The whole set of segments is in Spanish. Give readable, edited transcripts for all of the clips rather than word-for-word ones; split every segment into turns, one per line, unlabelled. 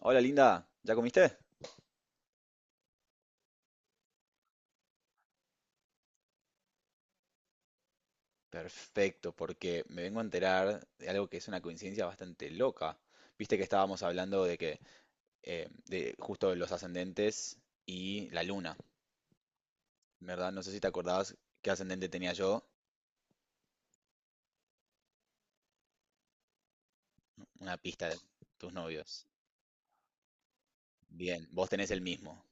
Hola Linda, ¿ya comiste? Perfecto, porque me vengo a enterar de algo que es una coincidencia bastante loca. Viste que estábamos hablando de que de justo de los ascendentes y la luna, ¿verdad? No sé si te acordabas qué ascendente tenía yo, una pista de tus novios. Bien, vos tenés el mismo,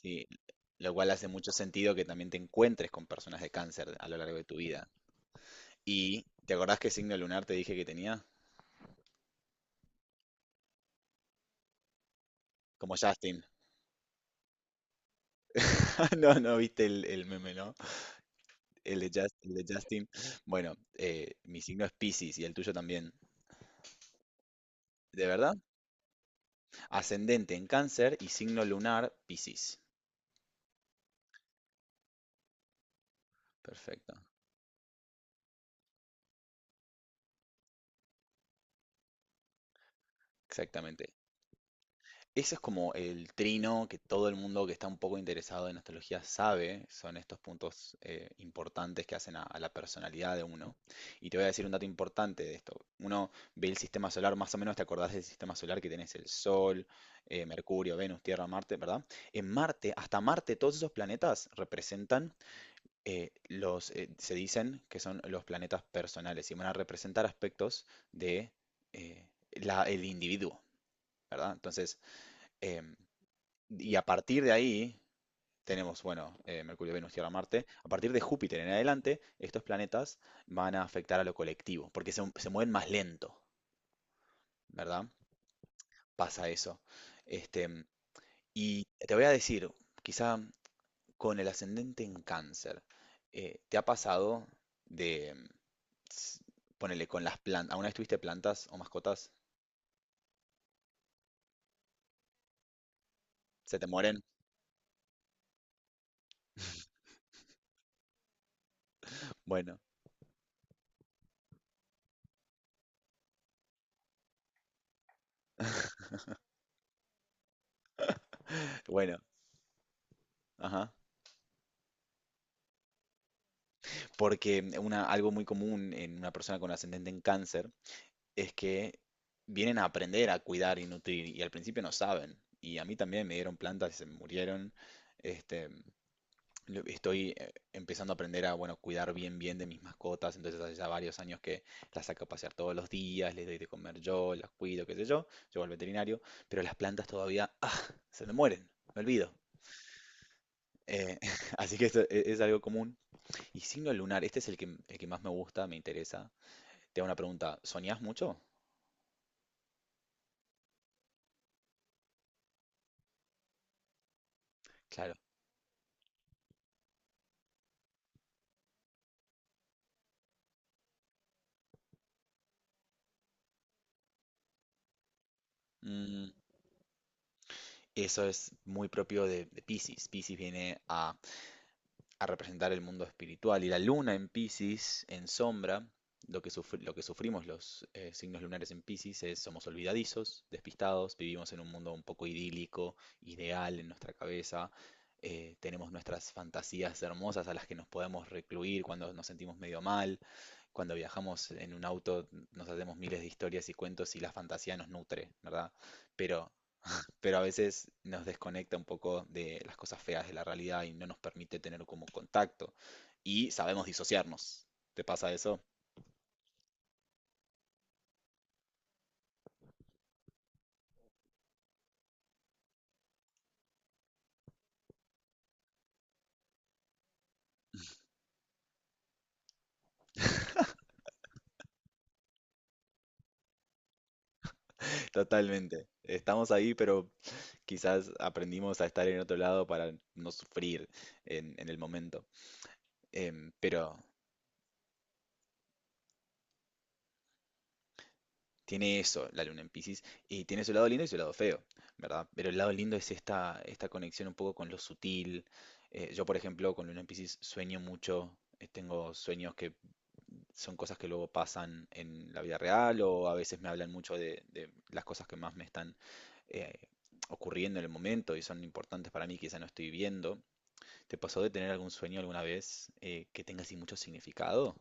sí, lo cual hace mucho sentido que también te encuentres con personas de cáncer a lo largo de tu vida. ¿Y te acordás qué signo lunar te dije que tenía? Como Justin. No, no viste el meme, ¿no? El de, el de Justin. Bueno, mi signo es Piscis y el tuyo también. ¿De verdad? Ascendente en Cáncer y signo lunar Piscis. Perfecto, exactamente. Ese es como el trino que todo el mundo que está un poco interesado en astrología sabe, son estos puntos importantes que hacen a la personalidad de uno. Y te voy a decir un dato importante de esto. Uno ve el sistema solar, más o menos te acordás del sistema solar que tenés el Sol, Mercurio, Venus, Tierra, Marte, ¿verdad? En Marte, hasta Marte, todos esos planetas representan se dicen que son los planetas personales y van a representar aspectos de eh, el individuo, ¿verdad? Entonces, em, y a partir de ahí tenemos, bueno, Mercurio, Venus, Tierra, Marte. A partir de Júpiter en adelante, estos planetas van a afectar a lo colectivo, porque se mueven más lento, ¿verdad? Pasa eso. Este, y te voy a decir, quizá con el ascendente en cáncer, ¿te ha pasado de, s- ponele, con las plantas, ¿alguna vez tuviste plantas o mascotas? ¿Se te mueren? Bueno, bueno, ajá. Porque una, algo muy común en una persona con ascendente en cáncer es que vienen a aprender a cuidar y nutrir y al principio no saben. Y a mí también me dieron plantas y se me murieron. Este, estoy empezando a aprender a, bueno, cuidar bien bien de mis mascotas. Entonces hace ya varios años que las saco a pasear todos los días, les doy de comer yo, las cuido, qué sé yo. Llevo al veterinario, pero las plantas todavía ¡ah! Se me mueren, me olvido. Eh, así que eso es, algo común. Y signo lunar, este es el que más me gusta, me interesa. Te hago una pregunta, ¿soñás mucho? Claro. Mm, eso es muy propio de Piscis. Piscis viene a representar el mundo espiritual. Y la luna en piscis en sombra, lo que, lo que sufrimos los signos lunares en piscis es somos olvidadizos, despistados, vivimos en un mundo un poco idílico, ideal en nuestra cabeza, tenemos nuestras fantasías hermosas a las que nos podemos recluir cuando nos sentimos medio mal, cuando viajamos en un auto nos hacemos miles de historias y cuentos y la fantasía nos nutre, ¿verdad? Pero pero a veces nos desconecta un poco de las cosas feas de la realidad y no nos permite tener como contacto. Y sabemos disociarnos. ¿Te pasa eso? Totalmente. Estamos ahí, pero quizás aprendimos a estar en otro lado para no sufrir en el momento. Pero tiene eso la luna en Piscis y tiene su lado lindo y su lado feo, ¿verdad? Pero el lado lindo es esta, esta conexión un poco con lo sutil. Yo, por ejemplo, con luna en Piscis sueño mucho, tengo sueños que son cosas que luego pasan en la vida real o a veces me hablan mucho de las cosas que más me están eh, ocurriendo en el momento y son importantes para mí, quizá no estoy viendo. ¿Te pasó de tener algún sueño alguna vez que tenga así mucho significado?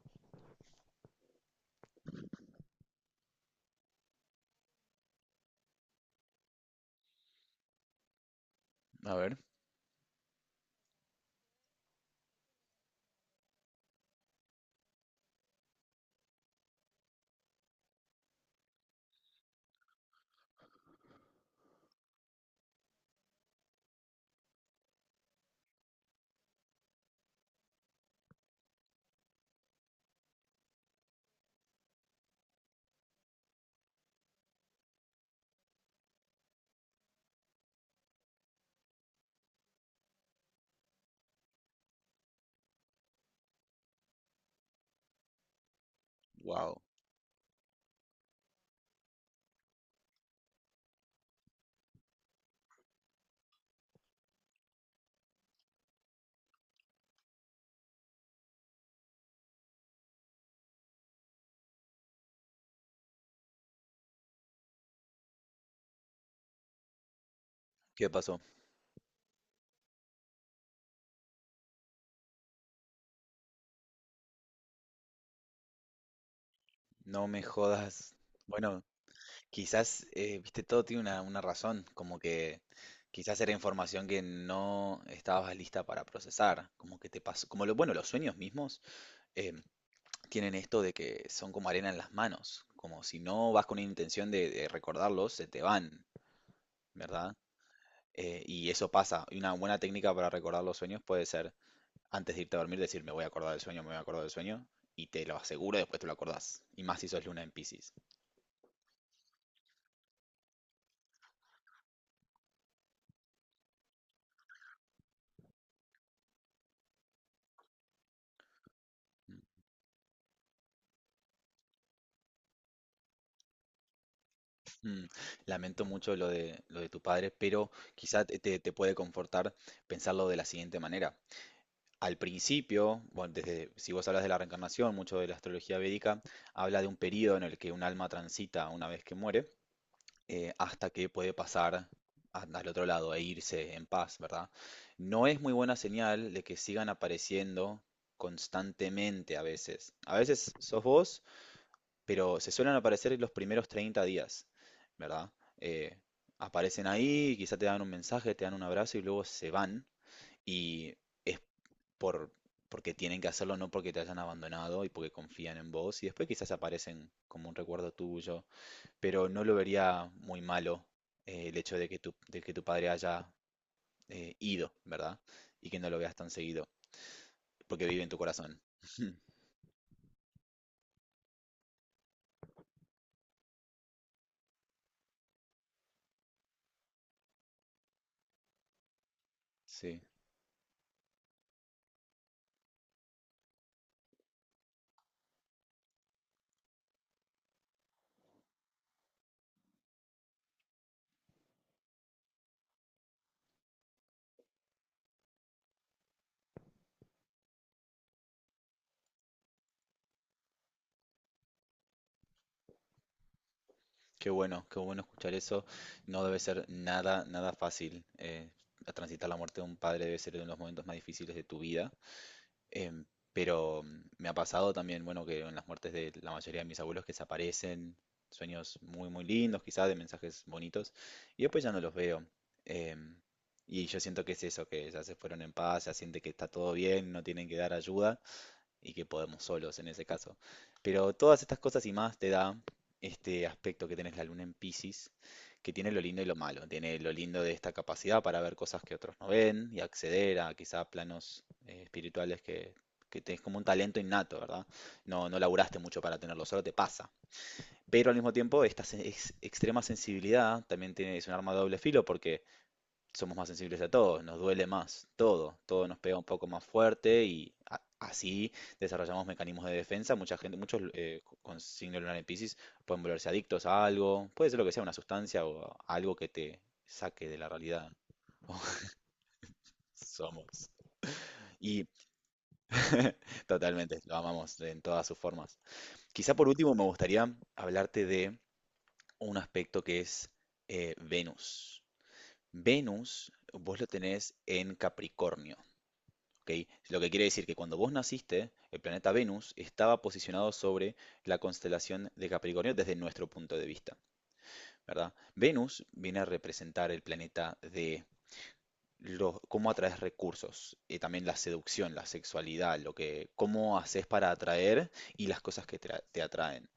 A ver. Wow. ¿Qué pasó? No me jodas. Bueno, quizás, viste, todo tiene una razón, como que quizás era información que no estabas lista para procesar, como que te pasó, como lo, bueno, los sueños mismos. Tienen esto de que son como arena en las manos, como si no vas con una intención de recordarlos, se te van, ¿verdad? Y eso pasa. Y una buena técnica para recordar los sueños puede ser, antes de irte a dormir, decir, me voy a acordar del sueño, me voy a acordar del sueño, y te lo aseguro, después te lo acordás. Y más si sos luna en Piscis. Mm, lamento mucho lo de tu padre, pero quizá te, te puede confortar pensarlo de la siguiente manera. Al principio, bueno, desde, si vos hablas de la reencarnación, mucho de la astrología védica habla de un periodo en el que un alma transita una vez que muere, hasta que puede pasar al otro lado e irse en paz, ¿verdad? No es muy buena señal de que sigan apareciendo constantemente a veces. A veces sos vos, pero se suelen aparecer en los primeros 30 días, ¿verdad? Eh, aparecen ahí, quizá te dan un mensaje, te dan un abrazo y luego se van y es por, porque tienen que hacerlo, no porque te hayan abandonado y porque confían en vos. Y después quizás aparecen como un recuerdo tuyo. Pero no lo vería muy malo el hecho de que tu padre haya ido, ¿verdad? Y que no lo veas tan seguido. Porque vive en tu corazón. Sí. Qué bueno escuchar eso. No debe ser nada, nada fácil. Transitar la muerte de un padre debe ser uno de los momentos más difíciles de tu vida. Em, pero mm, me ha pasado también, bueno, que en las muertes de la mayoría de mis abuelos que se aparecen sueños muy, muy lindos, quizás de mensajes bonitos, y después ya no los veo. Em, y yo siento que es eso, que ya se fueron en paz, ya siente que está todo bien, no tienen que dar ayuda y que podemos solos en ese caso. Pero todas estas cosas y más te da este aspecto que tenés la luna en Piscis, que tiene lo lindo y lo malo. Tiene lo lindo de esta capacidad para ver cosas que otros no ven y acceder a quizá planos espirituales que tenés como un talento innato, ¿verdad? No, no laburaste mucho para tenerlo, solo te pasa. Pero al mismo tiempo, esta extrema sensibilidad también tiene, es un arma de doble filo porque somos más sensibles a todo, nos duele más todo, todo nos pega un poco más fuerte y así desarrollamos mecanismos de defensa. Mucha gente, muchos con signo lunar en Piscis pueden volverse adictos a algo, puede ser lo que sea, una sustancia o algo que te saque de la realidad. Somos. Y totalmente, lo amamos en todas sus formas. Quizá por último me gustaría hablarte de un aspecto que es Venus. Venus, vos lo tenés en Capricornio. ¿Ok? Lo que quiere decir que cuando vos naciste, el planeta Venus estaba posicionado sobre la constelación de Capricornio desde nuestro punto de vista, ¿verdad? Venus viene a representar el planeta de cómo atraes recursos, también la seducción, la sexualidad, lo que, cómo haces para atraer y las cosas que te atraen.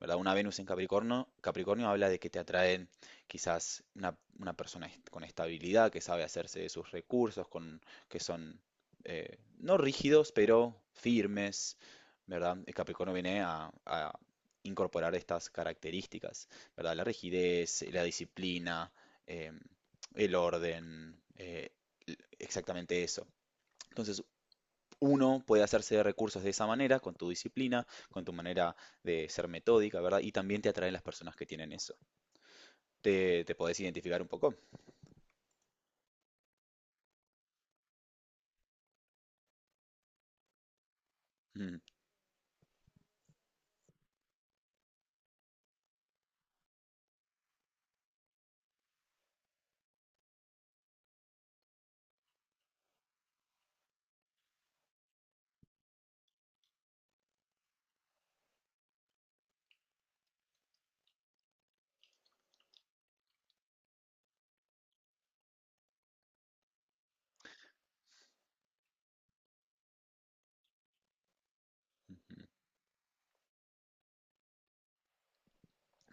¿Verdad? Una Venus en Capricornio, Capricornio habla de que te atraen quizás una persona con estabilidad, que sabe hacerse de sus recursos, con, que son no rígidos, pero firmes, ¿verdad? El Capricornio viene a incorporar estas características, ¿verdad? La rigidez, la disciplina, em, el orden, exactamente eso. Entonces, uno puede hacerse de recursos de esa manera, con tu disciplina, con tu manera de ser metódica, ¿verdad? Y también te atraen las personas que tienen eso. ¿Te, te podés identificar un poco? Mm, mm, mm.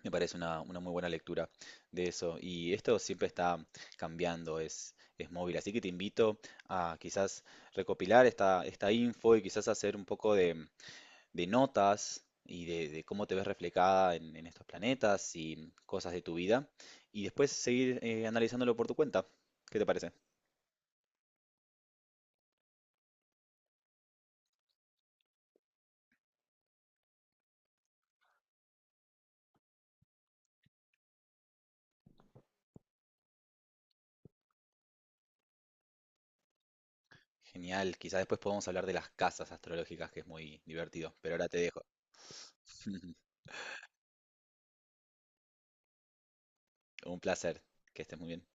Me parece una muy buena lectura de eso. Y esto siempre está cambiando, es móvil. Así que te invito a quizás recopilar esta, esta info y quizás hacer un poco de notas y de cómo te ves reflejada en estos planetas y cosas de tu vida, y después seguir analizándolo por tu cuenta. ¿Qué te parece? Genial, quizás después podamos hablar de las casas astrológicas, que es muy divertido, pero ahora te dejo. Un placer, que estés muy bien.